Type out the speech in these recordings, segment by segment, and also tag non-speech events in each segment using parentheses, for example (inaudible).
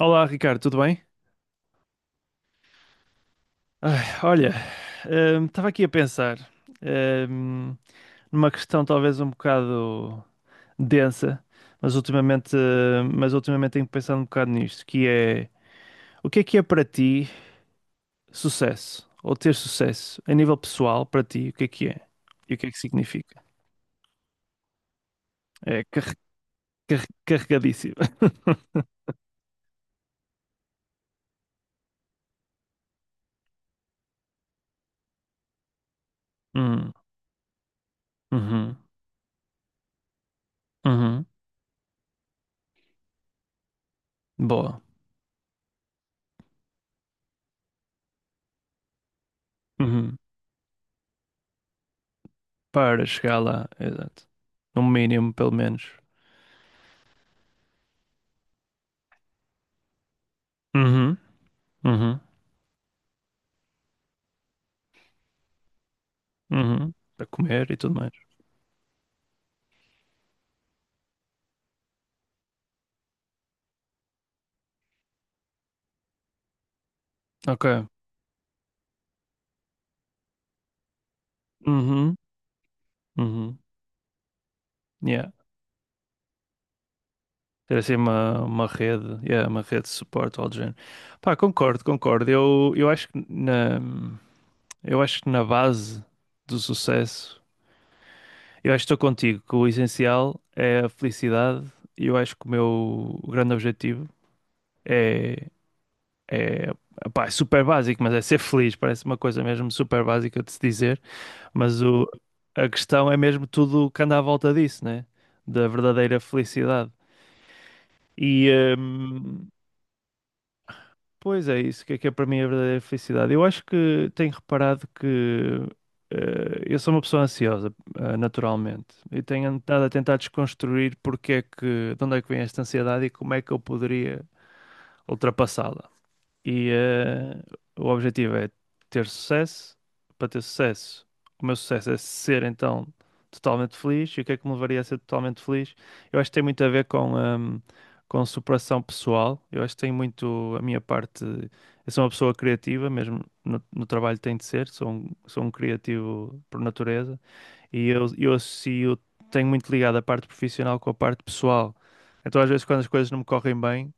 Olá, Ricardo, tudo bem? Ai, olha, estava aqui a pensar hum, numa questão talvez um bocado densa, mas ultimamente tenho pensado um bocado nisto, que é o que é para ti sucesso? Ou ter sucesso a nível pessoal para ti, o que é que é? E o que é que significa? É carregadíssimo. (laughs) Hum, uhum, uhum. Boa. Uhum. Para chegar lá, exato. No mínimo, pelo menos. Uhum, uhum. Uhum. Para comer e tudo mais. Ok. Uhum. Uhum. Yeah. Ter assim uma rede, yeah, uma rede de suporte ao género. Pá, concordo, concordo. Eu acho que na base do sucesso, eu acho que estou contigo, que o essencial é a felicidade e eu acho que o meu grande objetivo, é, é, pá, é super básico, mas é ser feliz. Parece uma coisa mesmo super básica de se dizer. Mas a questão é mesmo tudo o que anda à volta disso, né? Da verdadeira felicidade. E, hum, pois é isso, o que é para mim a verdadeira felicidade? Eu acho que tenho reparado que eu sou uma pessoa ansiosa, naturalmente, e tenho andado a tentar desconstruir porque é que, de onde é que vem esta ansiedade e como é que eu poderia ultrapassá-la. E o objetivo é ter sucesso. Para ter sucesso, o meu sucesso é ser então totalmente feliz. E o que é que me levaria a ser totalmente feliz? Eu acho que tem muito a ver com superação pessoal. Eu acho que tem muito a minha parte. Eu sou uma pessoa criativa, mesmo no trabalho tem de ser. Sou um criativo por natureza. E eu associo, tenho muito ligado a parte profissional com a parte pessoal. Então, às vezes, quando as coisas não me correm bem.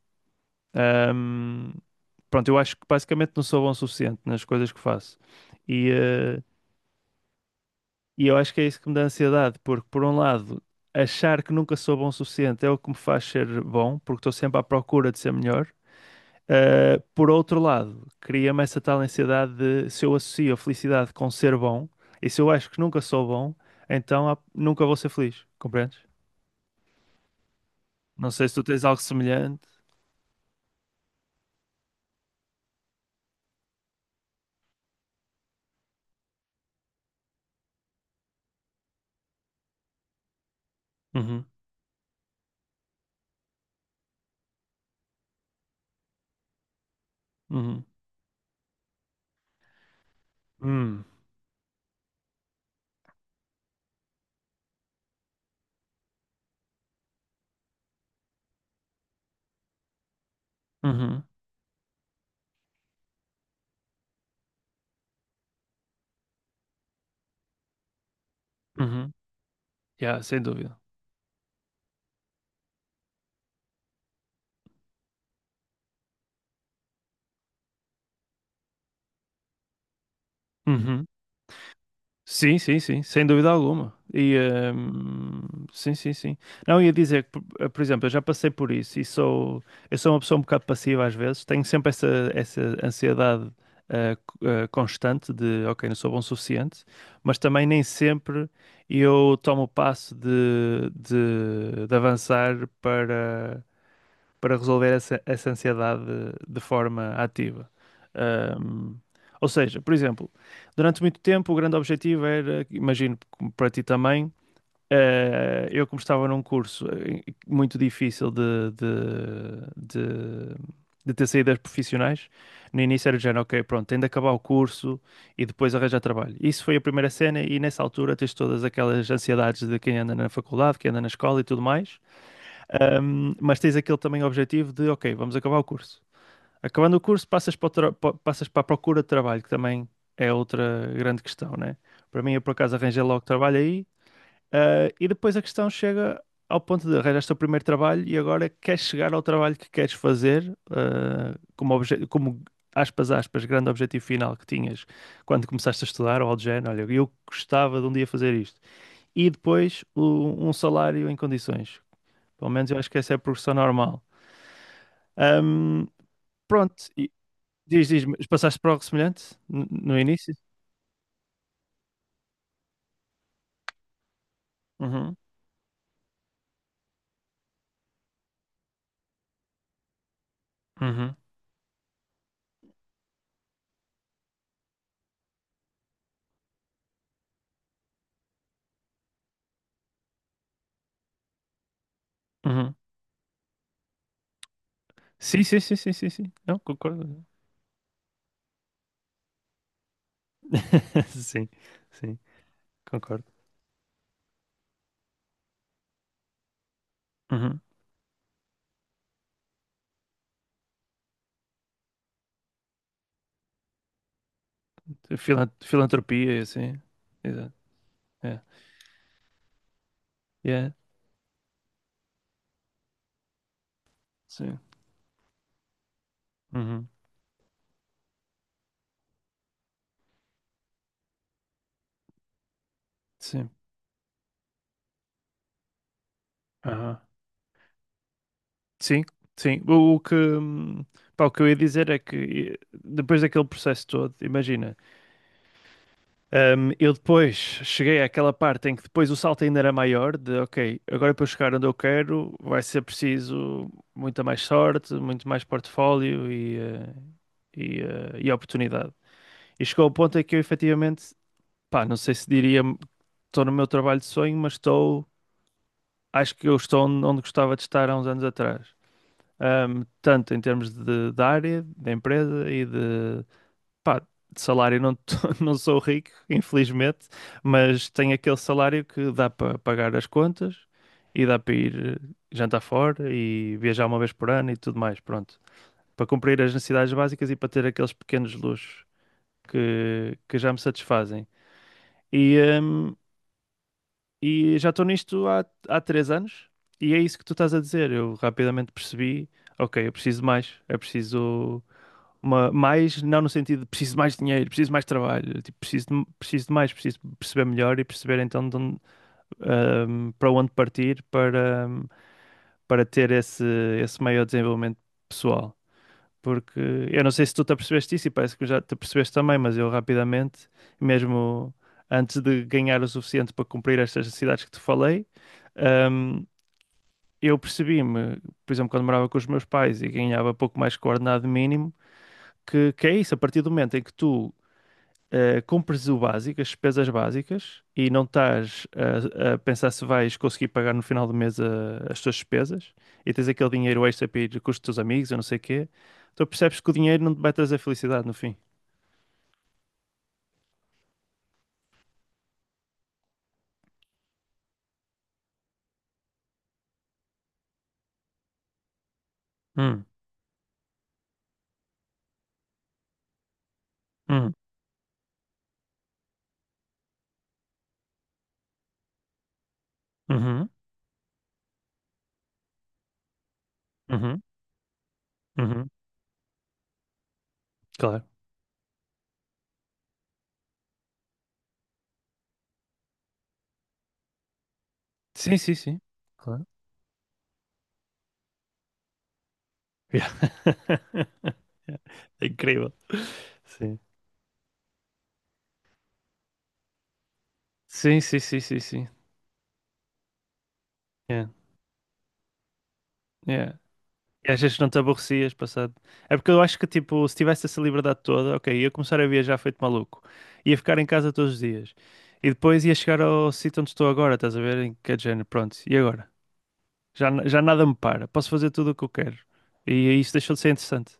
Ahm, pronto, eu acho que basicamente não sou bom o suficiente nas coisas que faço. E, eh, e eu acho que é isso que me dá ansiedade, porque por um lado, achar que nunca sou bom o suficiente é o que me faz ser bom, porque estou sempre à procura de ser melhor. Por outro lado, cria-me essa tal ansiedade de se eu associo a felicidade com ser bom, e se eu acho que nunca sou bom, então nunca vou ser feliz, compreendes? Não sei se tu tens algo semelhante. Uhum, uhum. Hum, uhum, uhum. Yeah, sem dúvida. Uhum. Sim, sim, sim, sem dúvida alguma. E sim, sim, sim. Não, ia dizer que, por por exemplo, eu já passei por isso e sou, eu sou uma pessoa um bocado passiva às vezes, tenho sempre essa, essa ansiedade constante de, ok, não sou bom o suficiente, mas também nem sempre eu tomo o passo de avançar para resolver essa ansiedade de forma ativa. Ahm, ou seja, por exemplo, durante muito tempo o grande objetivo era, imagino como para ti também, eu como estava num curso muito difícil de, de ter saídas profissionais, no início era do género, ok, pronto, tenho de acabar o curso e depois arranjar trabalho. Isso foi a primeira cena e nessa altura tens todas aquelas ansiedades de quem anda na faculdade, quem anda na escola e tudo mais. Mas tens aquele também objetivo de, ok, vamos acabar o curso. Acabando o curso, passas para a procura de trabalho, que também é outra grande questão, né? Para mim, eu por acaso arranjei logo trabalho aí, e depois a questão chega ao ponto de arranjaste o primeiro trabalho e agora queres chegar ao trabalho que queres fazer, como, aspas, aspas, grande objetivo final que tinhas quando começaste a estudar, ou algo do género, olha, eu gostava de um dia fazer isto. E depois um salário em condições. Pelo menos eu acho que essa é a progressão normal. Ahm, pronto, diz, diz, mas passaste por algo semelhante no início? Uhum, uhum, uhum. Sim, sim, sim, sim, sim, sim. Não, concordo. (laughs) Sim, sim, concordo. Uhum. Filantropia, e assim. Exato. É. Yeah. Sim. Uhum. Sim. Aham. Sim, sim. Pá, o que eu ia dizer é que depois daquele processo todo, imagina. Eu depois cheguei àquela parte em que depois o salto ainda era maior, de ok, agora para eu chegar onde eu quero vai ser preciso muita mais sorte, muito mais portfólio e oportunidade. E chegou ao ponto em que eu efetivamente, pá, não sei se diria estou no meu trabalho de sonho, mas estou, acho que eu estou onde gostava de estar há uns anos atrás. Tanto em termos de área, da empresa e de, pá, de salário não, (laughs) não sou rico, infelizmente, mas tenho aquele salário que dá para pagar as contas e dá para ir jantar fora e viajar uma vez por ano e tudo mais, pronto. Para cumprir as necessidades básicas e para ter aqueles pequenos luxos que já me satisfazem. E, hum, e já estou nisto há 3 anos e é isso que tu estás a dizer. Eu rapidamente percebi, ok, eu preciso de mais, eu preciso. Uma, mais, não no sentido de preciso de mais dinheiro, preciso de mais trabalho, tipo, preciso de mais, preciso de perceber melhor e perceber então de onde, para onde partir para ter esse maior desenvolvimento pessoal. Porque eu não sei se tu te apercebeste isso e parece que já te apercebeste também, mas eu rapidamente, mesmo antes de ganhar o suficiente para cumprir estas necessidades que te falei, ahm, eu percebi-me, por exemplo, quando morava com os meus pais e ganhava pouco mais que o ordenado mínimo que é isso, a partir do momento em que tu compres o básico, as despesas básicas, e não estás a pensar se vais conseguir pagar no final do mês as tuas despesas, e tens aquele dinheiro extra para ir com os teus amigos, eu não sei o quê, tu percebes que o dinheiro não te vai trazer felicidade no fim. Hum, hum, uhum, uhum, uhum. Claro, sim, sim, sim. Claro. Yeah. (laughs) É incrível. Sim. Sim, sim, sim, sim, sim. Yeah. Yeah. E às vezes não te aborrecias passado. É porque eu acho que, tipo, se tivesse essa liberdade toda, ok, ia começar a viajar feito maluco. Ia ficar em casa todos os dias. E depois ia chegar ao sítio onde estou agora, estás a ver? Em que é de género, pronto. E agora? Já, já nada me para. Posso fazer tudo o que eu quero. E isso deixou de ser interessante.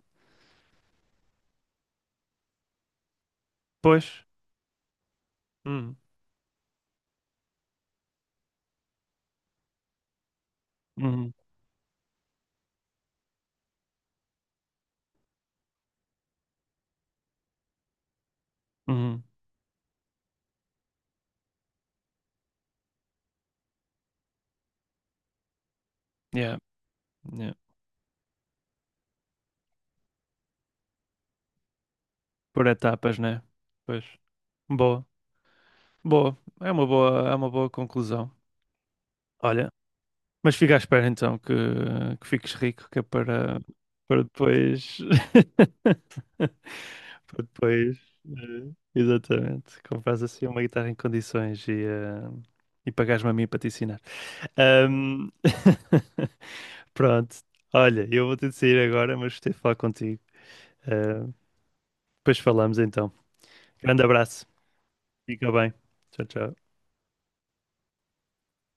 Pois. Hum, uhum, uhum. Yeah, yeah. Por etapas, né? Pois. Boa. Boa. É uma boa conclusão. Olha, mas fica à espera então que fiques rico, que é para depois. (laughs) Para depois. Exatamente Compras assim uma guitarra em condições e pagares me a mim para te ensinar. Ahm, (laughs) Pronto. Olha, eu vou ter de sair agora, mas gostei de falar contigo. Eh, depois falamos então. Grande abraço. Fica bem. Tchau, tchau.